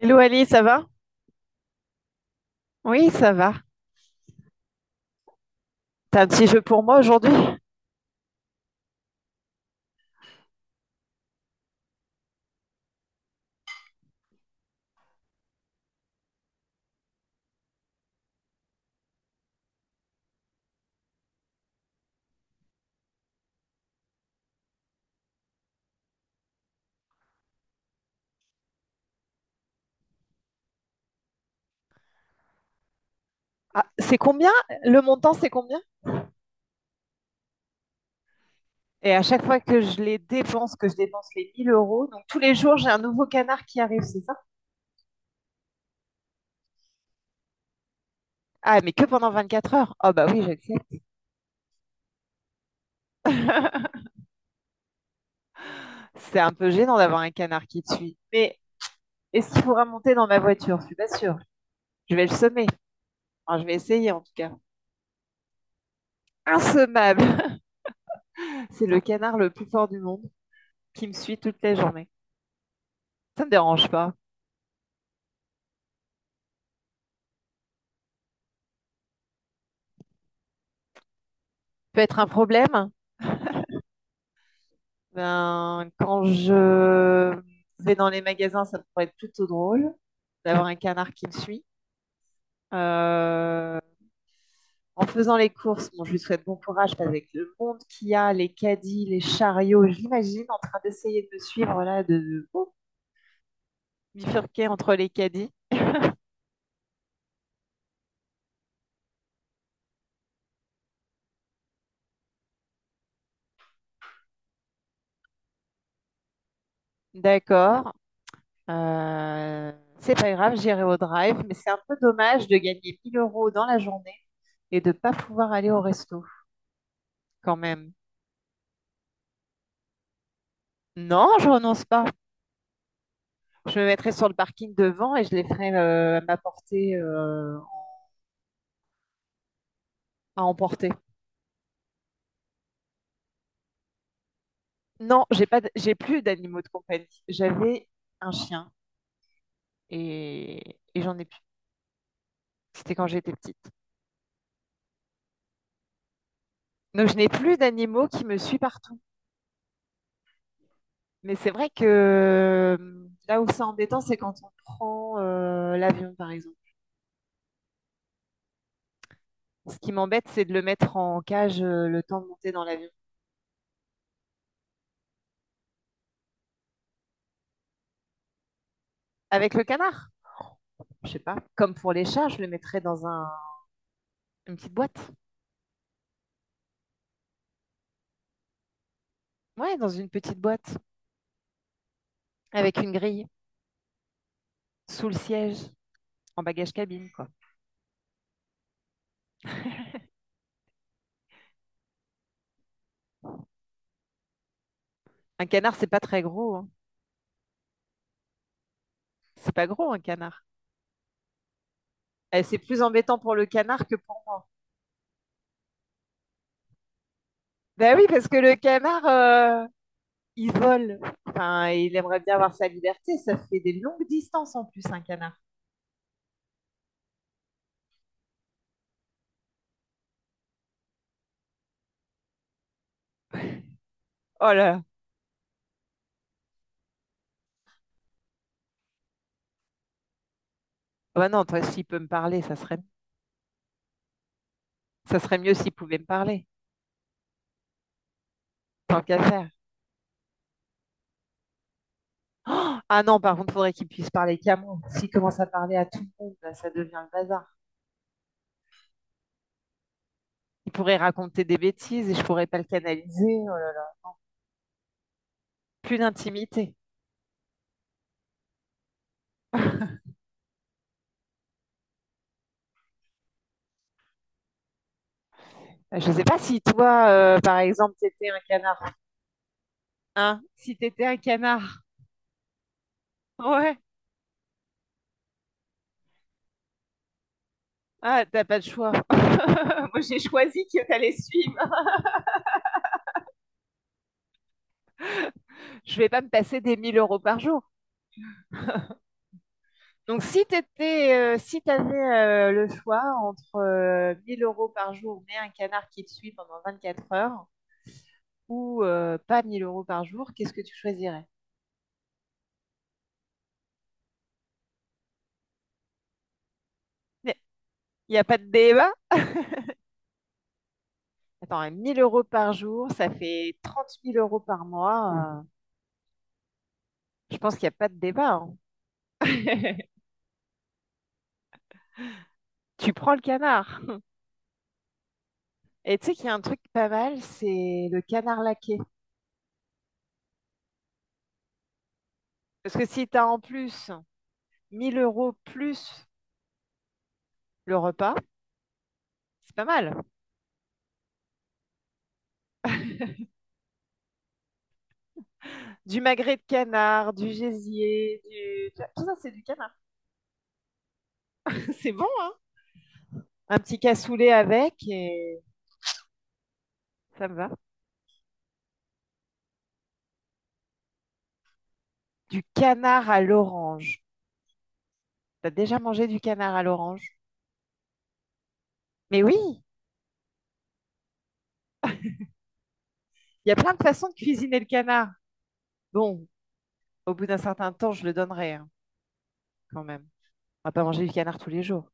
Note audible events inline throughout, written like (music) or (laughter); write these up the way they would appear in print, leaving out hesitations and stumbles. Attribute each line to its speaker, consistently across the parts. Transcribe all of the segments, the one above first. Speaker 1: Hello Ali, ça va? Oui, ça va. T'as un petit jeu pour moi aujourd'hui? Ah, c'est combien? Le montant, c'est combien? Et à chaque fois que je dépense les 1000 euros, donc tous les jours, j'ai un nouveau canard qui arrive, c'est ça? Ah, mais que pendant 24 heures? Oh bah oui, j'accepte. C'est un peu gênant d'avoir un canard qui te suit. Mais est-ce qu'il faudra monter dans ma voiture? Je suis pas sûre. Je vais le semer. Enfin, je vais essayer en tout cas. Insommable! (laughs) C'est le canard le plus fort du monde qui me suit toute la journée. Ça me dérange pas. Peut être un problème. Ben, quand je vais dans les magasins, ça pourrait être plutôt drôle d'avoir un canard qui me suit. Euh, En faisant les courses, bon, je lui souhaite bon courage parce qu'avec le monde qu'il y a, les caddies, les chariots, je l'imagine en train d'essayer de me suivre là, oh, bifurquer entre les caddies. D'accord. Euh, c'est pas grave, j'irai au drive, mais c'est un peu dommage de gagner 1000 euros dans la journée et de pas pouvoir aller au resto quand même. Non, je renonce pas. Je me mettrai sur le parking devant et je les ferai m'apporter à emporter. Non, j'ai pas, j'ai plus d'animaux de compagnie. J'avais un chien et j'en ai plus. C'était quand j'étais petite. Donc je n'ai plus d'animaux qui me suivent partout. Mais c'est vrai que là où c'est embêtant, c'est quand on prend l'avion, par exemple. Ce qui m'embête, c'est de le mettre en cage le temps de monter dans l'avion. Avec le canard, je sais pas. Comme pour les chats, je le mettrais dans un, une petite boîte. Ouais, dans une petite boîte. Avec une grille sous le siège, en bagage cabine, quoi. Un canard, c'est pas très gros, hein. C'est pas gros, un canard. Eh, c'est plus embêtant pour le canard que pour... Ben oui, parce que le canard, il vole. Enfin, il aimerait bien avoir sa liberté. Ça fait des longues distances en plus, un canard. Oh là. Ben non, toi, s'il peut me parler, ça serait mieux s'il pouvait me parler. Tant qu'à faire. Oh ah non, par contre, il faudrait qu'il puisse parler qu'à moi. S'il commence à parler à tout le monde, là, ça devient le bazar. Il pourrait raconter des bêtises et je pourrais pas le canaliser. Oh là. Plus d'intimité. Je ne sais pas si toi, par exemple, t'étais un canard. Hein? Si t'étais un canard. Ouais. Ah, t'as pas de choix. (laughs) Moi, j'ai choisi que t'allais suivre. Je vais pas me passer des 1000 euros par jour. Donc, si t'avais le choix entre 1000 euros par jour, mais un canard qui te suit pendant 24 heures, ou pas 1000 euros par jour, qu'est-ce que tu choisirais? Mais il n'y a pas de débat? Attends, hein, 1000 euros par jour, ça fait 30000 euros par mois. Je pense qu'il n'y a pas de débat, hein. (laughs) Tu prends le canard. Et tu sais qu'il y a un truc pas mal, c'est le canard laqué. Parce que si tu as en plus 1000 euros plus le repas, c'est pas mal. Du magret de canard, du gésier, du... tout ça, c'est du canard. (laughs) C'est bon, hein? Un petit cassoulet avec et ça me va. Du canard à l'orange. T'as déjà mangé du canard à l'orange? Mais oui, il y a plein de façons de cuisiner le canard. Bon, au bout d'un certain temps, je le donnerai hein, quand même. On va pas manger du canard tous les jours.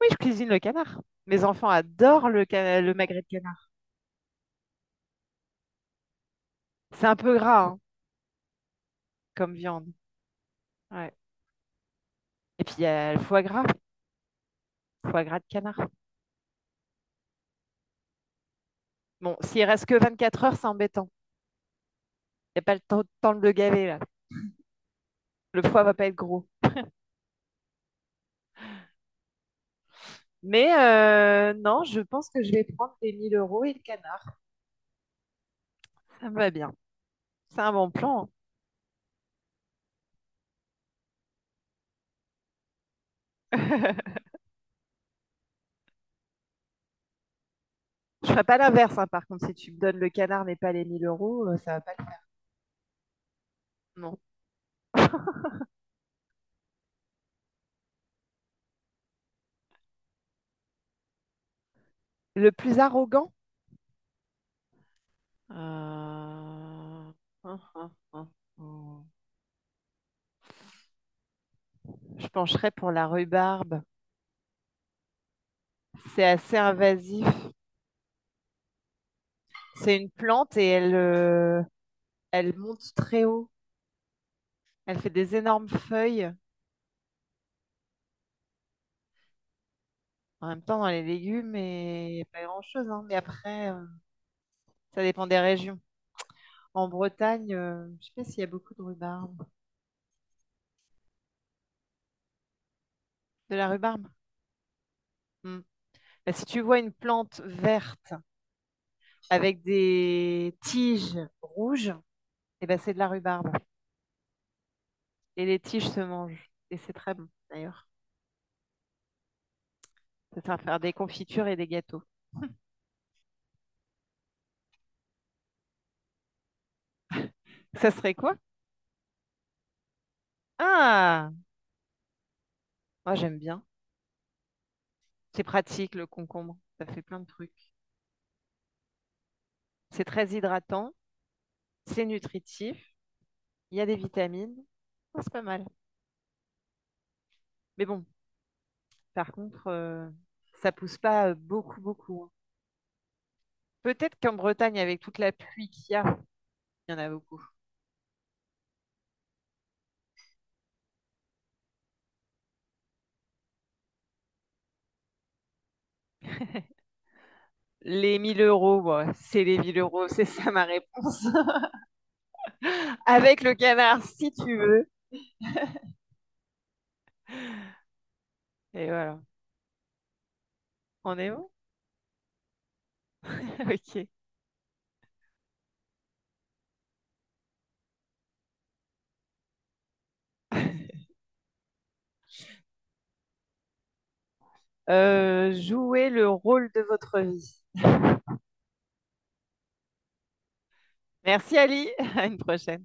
Speaker 1: Oui, je cuisine le canard. Mes enfants adorent le, cana- le magret de canard. C'est un peu gras hein, comme viande. Ouais. Et puis il y a le foie gras de canard. Bon, s'il reste que 24 heures, c'est embêtant. Il n'y a pas le temps de le gaver là. Le foie va pas être gros. Mais non, je pense que je vais prendre les 1000 euros et le canard. Ça me va bien. C'est un bon plan, hein. (laughs) Je ferai pas l'inverse, hein, par contre. Si tu me donnes le canard mais pas les 1000 euros, ça va pas le faire. Non. Le plus arrogant? Euh, hum, hum, hum, hum. Je pencherais pour la rhubarbe. C'est assez invasif. C'est une plante et elle, elle monte très haut. Elle fait des énormes feuilles. En même temps, dans les légumes, et n'y a pas grand-chose, hein. Mais après, ça dépend des régions. En Bretagne, je sais pas s'il y a beaucoup de rhubarbe. De la rhubarbe? Hmm. Bah, si tu vois une plante verte avec des tiges rouges, eh ben, c'est de la rhubarbe. Et les tiges se mangent. Et c'est très bon, d'ailleurs. Ça sert à faire des confitures et des gâteaux. Ça serait quoi? Ah, moi j'aime bien. C'est pratique le concombre, ça fait plein de trucs. C'est très hydratant, c'est nutritif, il y a des vitamines. Oh, c'est pas mal. Mais bon, par contre, ça pousse pas beaucoup, beaucoup, hein. Peut-être qu'en Bretagne, avec toute la pluie qu'il y a, il y en a beaucoup. Les 1000 euros, moi, c'est les 1000 euros, (laughs) c'est ça ma réponse. (laughs) Avec le canard, si tu veux. Et voilà, on est bon? (laughs) Ok. Jouez le rôle de votre vie. Merci Ali, (laughs) à une prochaine.